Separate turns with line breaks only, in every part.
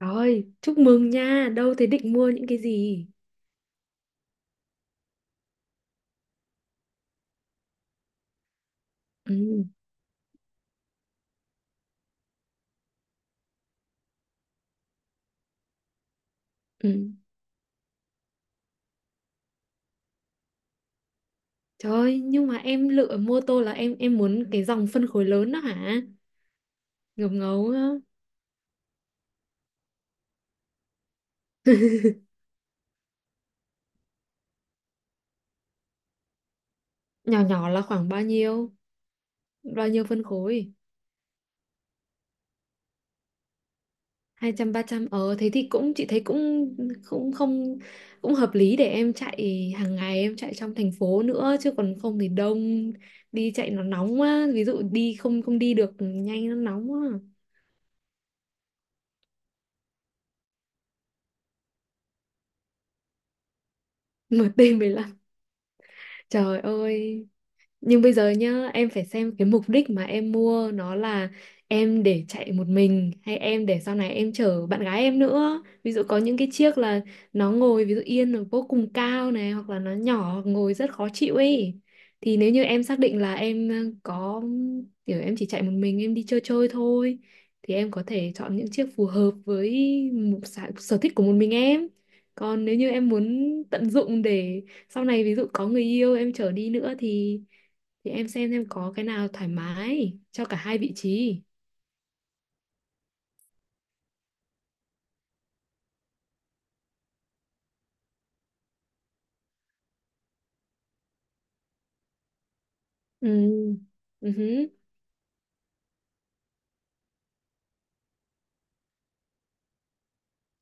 Rồi, chúc mừng nha. Đâu thế định mua những cái gì? Ừ, ừ. Trời ơi, nhưng mà em lựa mô tô là em muốn cái dòng phân khối lớn đó hả? Ngập ngấu á. Nhỏ nhỏ là khoảng bao nhiêu? Bao nhiêu phân khối? 200 300. Ờ thế thì cũng chị thấy cũng cũng không cũng hợp lý để em chạy hàng ngày, em chạy trong thành phố nữa, chứ còn không thì đông đi chạy nó nóng quá, ví dụ đi không không đi được nhanh nó nóng quá. MT15, trời ơi. Nhưng bây giờ nhá, em phải xem cái mục đích mà em mua nó là em để chạy một mình hay em để sau này em chở bạn gái em nữa. Ví dụ có những cái chiếc là nó ngồi ví dụ yên nó vô cùng cao này, hoặc là nó nhỏ hoặc ngồi rất khó chịu ấy. Thì nếu như em xác định là em có kiểu em chỉ chạy một mình em đi chơi chơi thôi thì em có thể chọn những chiếc phù hợp với một sở sở thích của một mình em. Còn nếu như em muốn tận dụng để sau này ví dụ có người yêu em chở đi nữa thì em xem em có cái nào thoải mái cho cả hai vị trí. Ừ. Ừ hứ.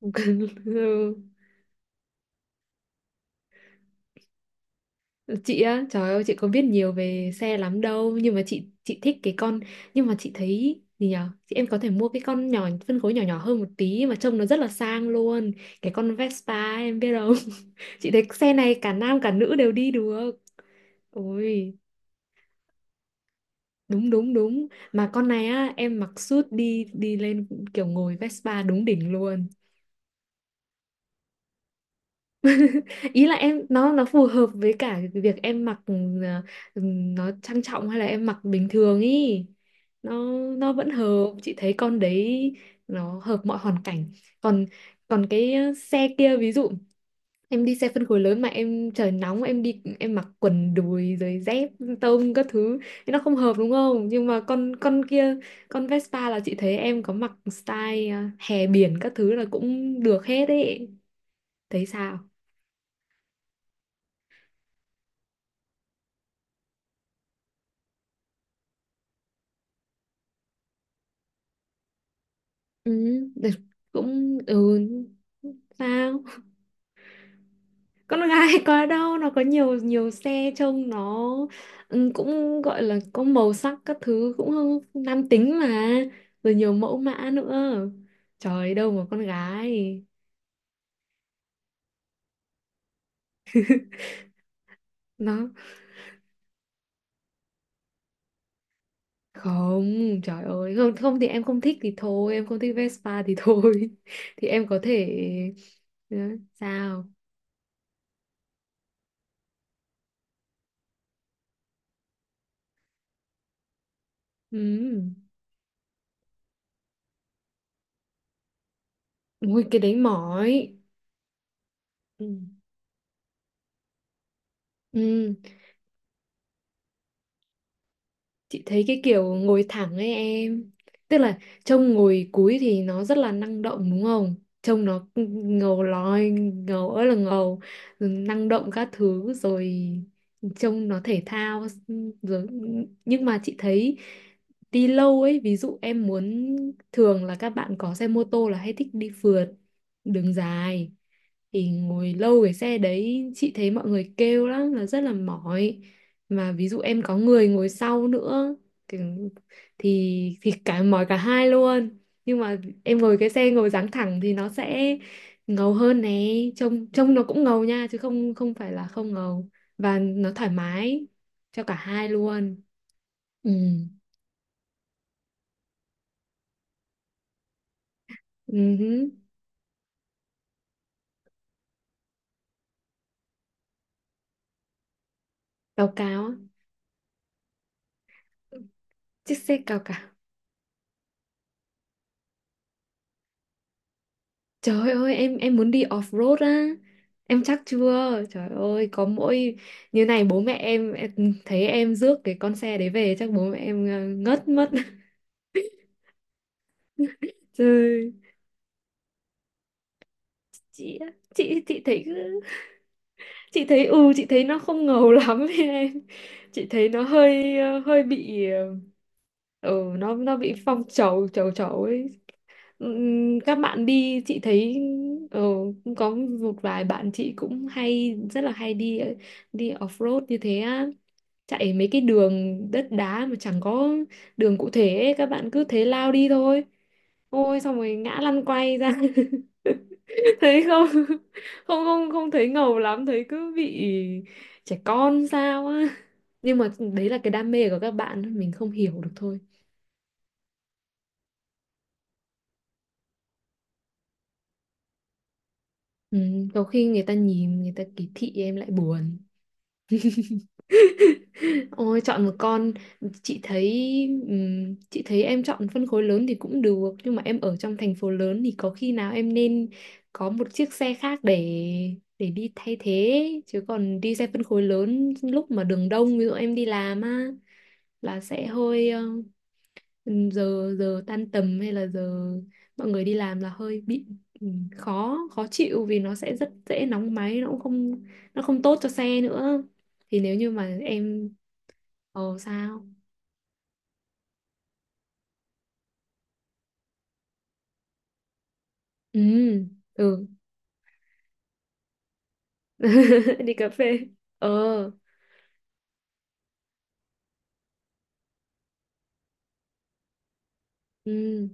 Ừ. Chị á, trời ơi, chị có biết nhiều về xe lắm đâu nhưng mà chị thích cái con, nhưng mà chị thấy gì nhở, chị em có thể mua cái con nhỏ phân khối nhỏ nhỏ hơn một tí mà trông nó rất là sang luôn, cái con Vespa em biết không. Chị thấy xe này cả nam cả nữ đều đi được. Ôi đúng đúng đúng, mà con này á em mặc suit đi đi lên kiểu ngồi Vespa đúng đỉnh luôn. Ý là em nó phù hợp với cả cái việc em mặc, ừ, nó trang trọng hay là em mặc bình thường ý, nó vẫn hợp, chị thấy con đấy nó hợp mọi hoàn cảnh. Còn còn cái xe kia, ví dụ em đi xe phân khối lớn mà em trời nóng em đi em mặc quần đùi rồi dép tông các thứ thì nó không hợp đúng không, nhưng mà con kia, con Vespa là chị thấy em có mặc style hè biển các thứ là cũng được hết ấy, thấy sao. Ừ, được, cũng ừ, sao con gái. Có đâu, nó có nhiều nhiều xe trông nó ừ, cũng gọi là có màu sắc các thứ cũng nam tính mà, rồi nhiều mẫu mã nữa, trời đâu mà con gái. Nó không, trời ơi không không, thì em không thích thì thôi, em không thích Vespa thì thôi. Thì em có thể. Ừ, sao. Ừ. Ui cái đấy mỏi. Ừ. Ừ. Chị thấy cái kiểu ngồi thẳng ấy em. Tức là trông ngồi cúi thì nó rất là năng động đúng không? Trông nó ngầu lòi, ngầu ơi là ngầu, rồi năng động các thứ, rồi trông nó thể thao, rồi. Nhưng mà chị thấy đi lâu ấy. Ví dụ em muốn, thường là các bạn có xe mô tô là hay thích đi phượt đường dài, thì ngồi lâu cái xe đấy chị thấy mọi người kêu lắm là rất là mỏi. Mà ví dụ em có người ngồi sau nữa thì thì cả mỏi cả hai luôn. Nhưng mà em ngồi cái xe ngồi dáng thẳng thì nó sẽ ngầu hơn nè, trông trông nó cũng ngầu nha chứ không không phải là không ngầu, và nó thoải mái cho cả hai luôn. Ừ. Uh. Báo cáo á. Chiếc xe cao cả. Trời ơi em muốn đi off-road á. Em chắc chưa, trời ơi, có mỗi như này bố mẹ em, thấy em rước cái con xe đấy về chắc bố mẹ em ngất mất. Trời chị á, chị thấy chị thấy ừ chị thấy nó không ngầu lắm ấy em. Chị thấy nó hơi hơi bị ừ, nó bị phong trầu trầu trầu ấy. Các bạn đi chị thấy ờ, cũng có một vài bạn chị cũng hay rất là hay đi đi off-road như thế á, chạy mấy cái đường đất đá mà chẳng có đường cụ thể ấy. Các bạn cứ thế lao đi thôi, ôi xong rồi ngã lăn quay ra. Thấy không, không không không thấy ngầu lắm, thấy cứ bị trẻ con sao á, nhưng mà đấy là cái đam mê của các bạn mình không hiểu được thôi. Ừ, có khi người ta nhìn người ta kỳ thị em lại buồn. Ôi chọn một con, chị thấy chị thấy em chọn phân khối lớn thì cũng được, nhưng mà em ở trong thành phố lớn thì có khi nào em nên có một chiếc xe khác để đi thay thế, chứ còn đi xe phân khối lớn lúc mà đường đông ví dụ em đi làm á là sẽ hơi giờ giờ tan tầm hay là giờ mọi người đi làm là hơi bị khó khó chịu vì nó sẽ rất dễ nóng máy, nó cũng không, nó không tốt cho xe nữa. Thì nếu như mà em. Ồ sao? Ừ, ừ. Đi cà phê. Ờ, ừ,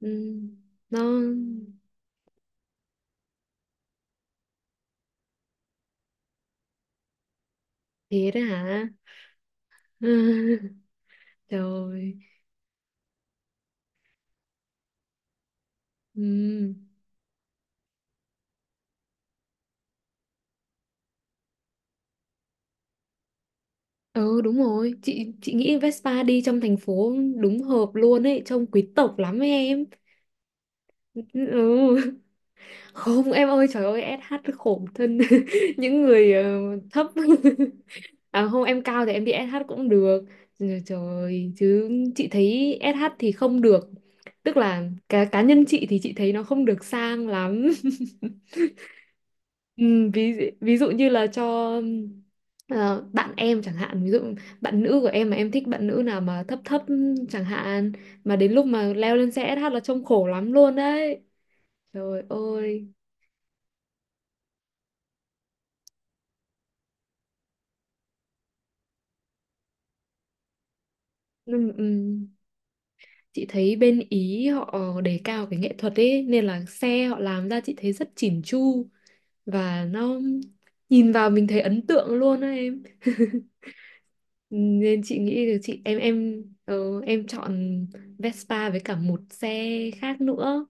ừ. Nó thiệt đó hả? Trời. Ừ. Ừ đúng rồi, chị nghĩ Vespa đi trong thành phố đúng hợp luôn ấy, trông quý tộc lắm ấy em. Ừ. Không em ơi trời ơi, SH khổ thân. Những người thấp. À không em cao thì em đi SH cũng được. Rồi, trời ơi, chứ chị thấy SH thì không được, tức là cá cá nhân chị thì chị thấy nó không được sang lắm. Ừ, ví ví dụ như là cho bạn em chẳng hạn, ví dụ bạn nữ của em mà em thích bạn nữ nào mà thấp thấp chẳng hạn, mà đến lúc mà leo lên xe SH là trông khổ lắm luôn đấy, trời ơi. Ừm, ừm. Chị thấy bên Ý họ đề cao cái nghệ thuật ấy nên là xe họ làm ra chị thấy rất chỉn chu, và nó nhìn vào mình thấy ấn tượng luôn á em. Nên chị nghĩ là chị em em chọn Vespa với cả một xe khác nữa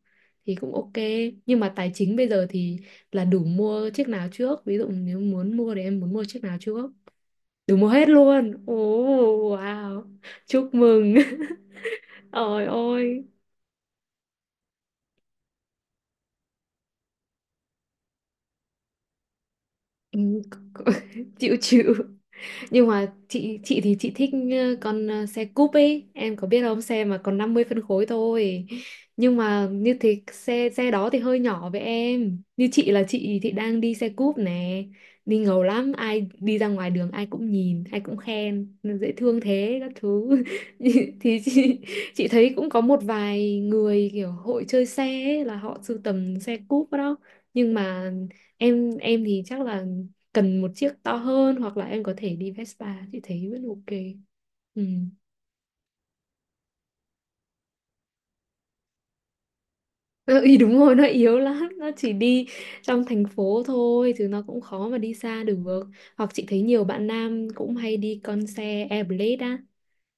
thì cũng ok, nhưng mà tài chính bây giờ thì là đủ mua chiếc nào trước, ví dụ nếu muốn mua thì em muốn mua chiếc nào trước. Đủ mua hết luôn ồ, wow, chúc mừng. Ôi ôi. Ừ, chịu chịu, nhưng mà chị thì chị thích con xe cúp ấy em có biết không, xe mà còn 50 phân khối thôi. Nhưng mà như thế xe xe đó thì hơi nhỏ với em, như chị là chị thì đang đi xe cúp nè, đi ngầu lắm ai đi ra ngoài đường ai cũng nhìn ai cũng khen "Nó dễ thương thế" các thứ. Thì chị thấy cũng có một vài người kiểu hội chơi xe ấy, là họ sưu tầm xe cúp đó, nhưng mà em thì chắc là cần một chiếc to hơn, hoặc là em có thể đi Vespa chị thấy vẫn ok. Ừ. Ừ, đúng rồi nó yếu lắm, nó chỉ đi trong thành phố thôi chứ nó cũng khó mà đi xa được. Hoặc chị thấy nhiều bạn nam cũng hay đi con xe Airblade á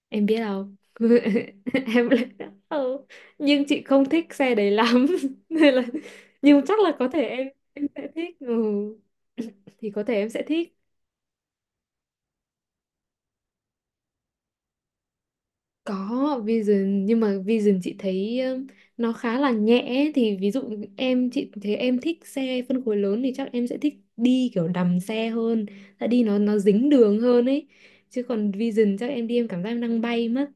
em biết không. Airblade á ừ. Nhưng chị không thích xe đấy lắm nên là, nhưng chắc là có thể em sẽ thích, ừ, thì có thể em sẽ thích. Có Vision nhưng mà Vision chị thấy nó khá là nhẹ ấy. Thì ví dụ em chị thấy em thích xe phân khối lớn thì chắc em sẽ thích đi kiểu đầm xe hơn, tại đi nó dính đường hơn ấy. Chứ còn Vision chắc em đi em cảm giác em đang bay mất.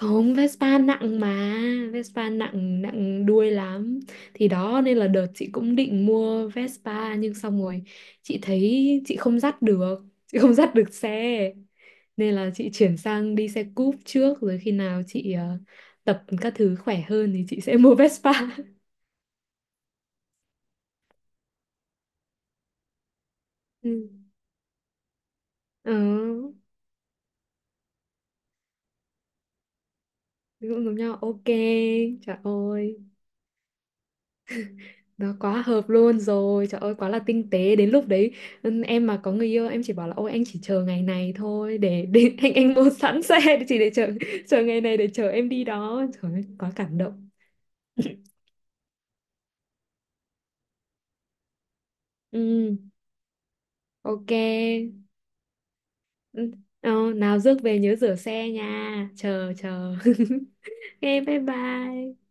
Không, Vespa nặng mà, Vespa nặng nặng đuôi lắm. Thì đó nên là đợt chị cũng định mua Vespa nhưng xong rồi chị thấy chị không dắt được, chị không dắt được xe. Nên là chị chuyển sang đi xe cúp trước rồi khi nào chị tập các thứ khỏe hơn thì chị sẽ mua Vespa. Ừ. Ờ, cũng giống nhau. Ok. Trời ơi. Nó quá hợp luôn rồi, trời ơi quá là tinh tế. Đến lúc đấy ừ, em mà có người yêu em chỉ bảo là ôi anh chỉ chờ ngày này thôi, để anh mua sẵn xe để chỉ để chờ chờ ngày này để chờ em đi đó, trời ơi quá cảm động. Ừ ok. Ừ, nào rước về nhớ rửa xe nha. Chờ chờ. Ok bye bye.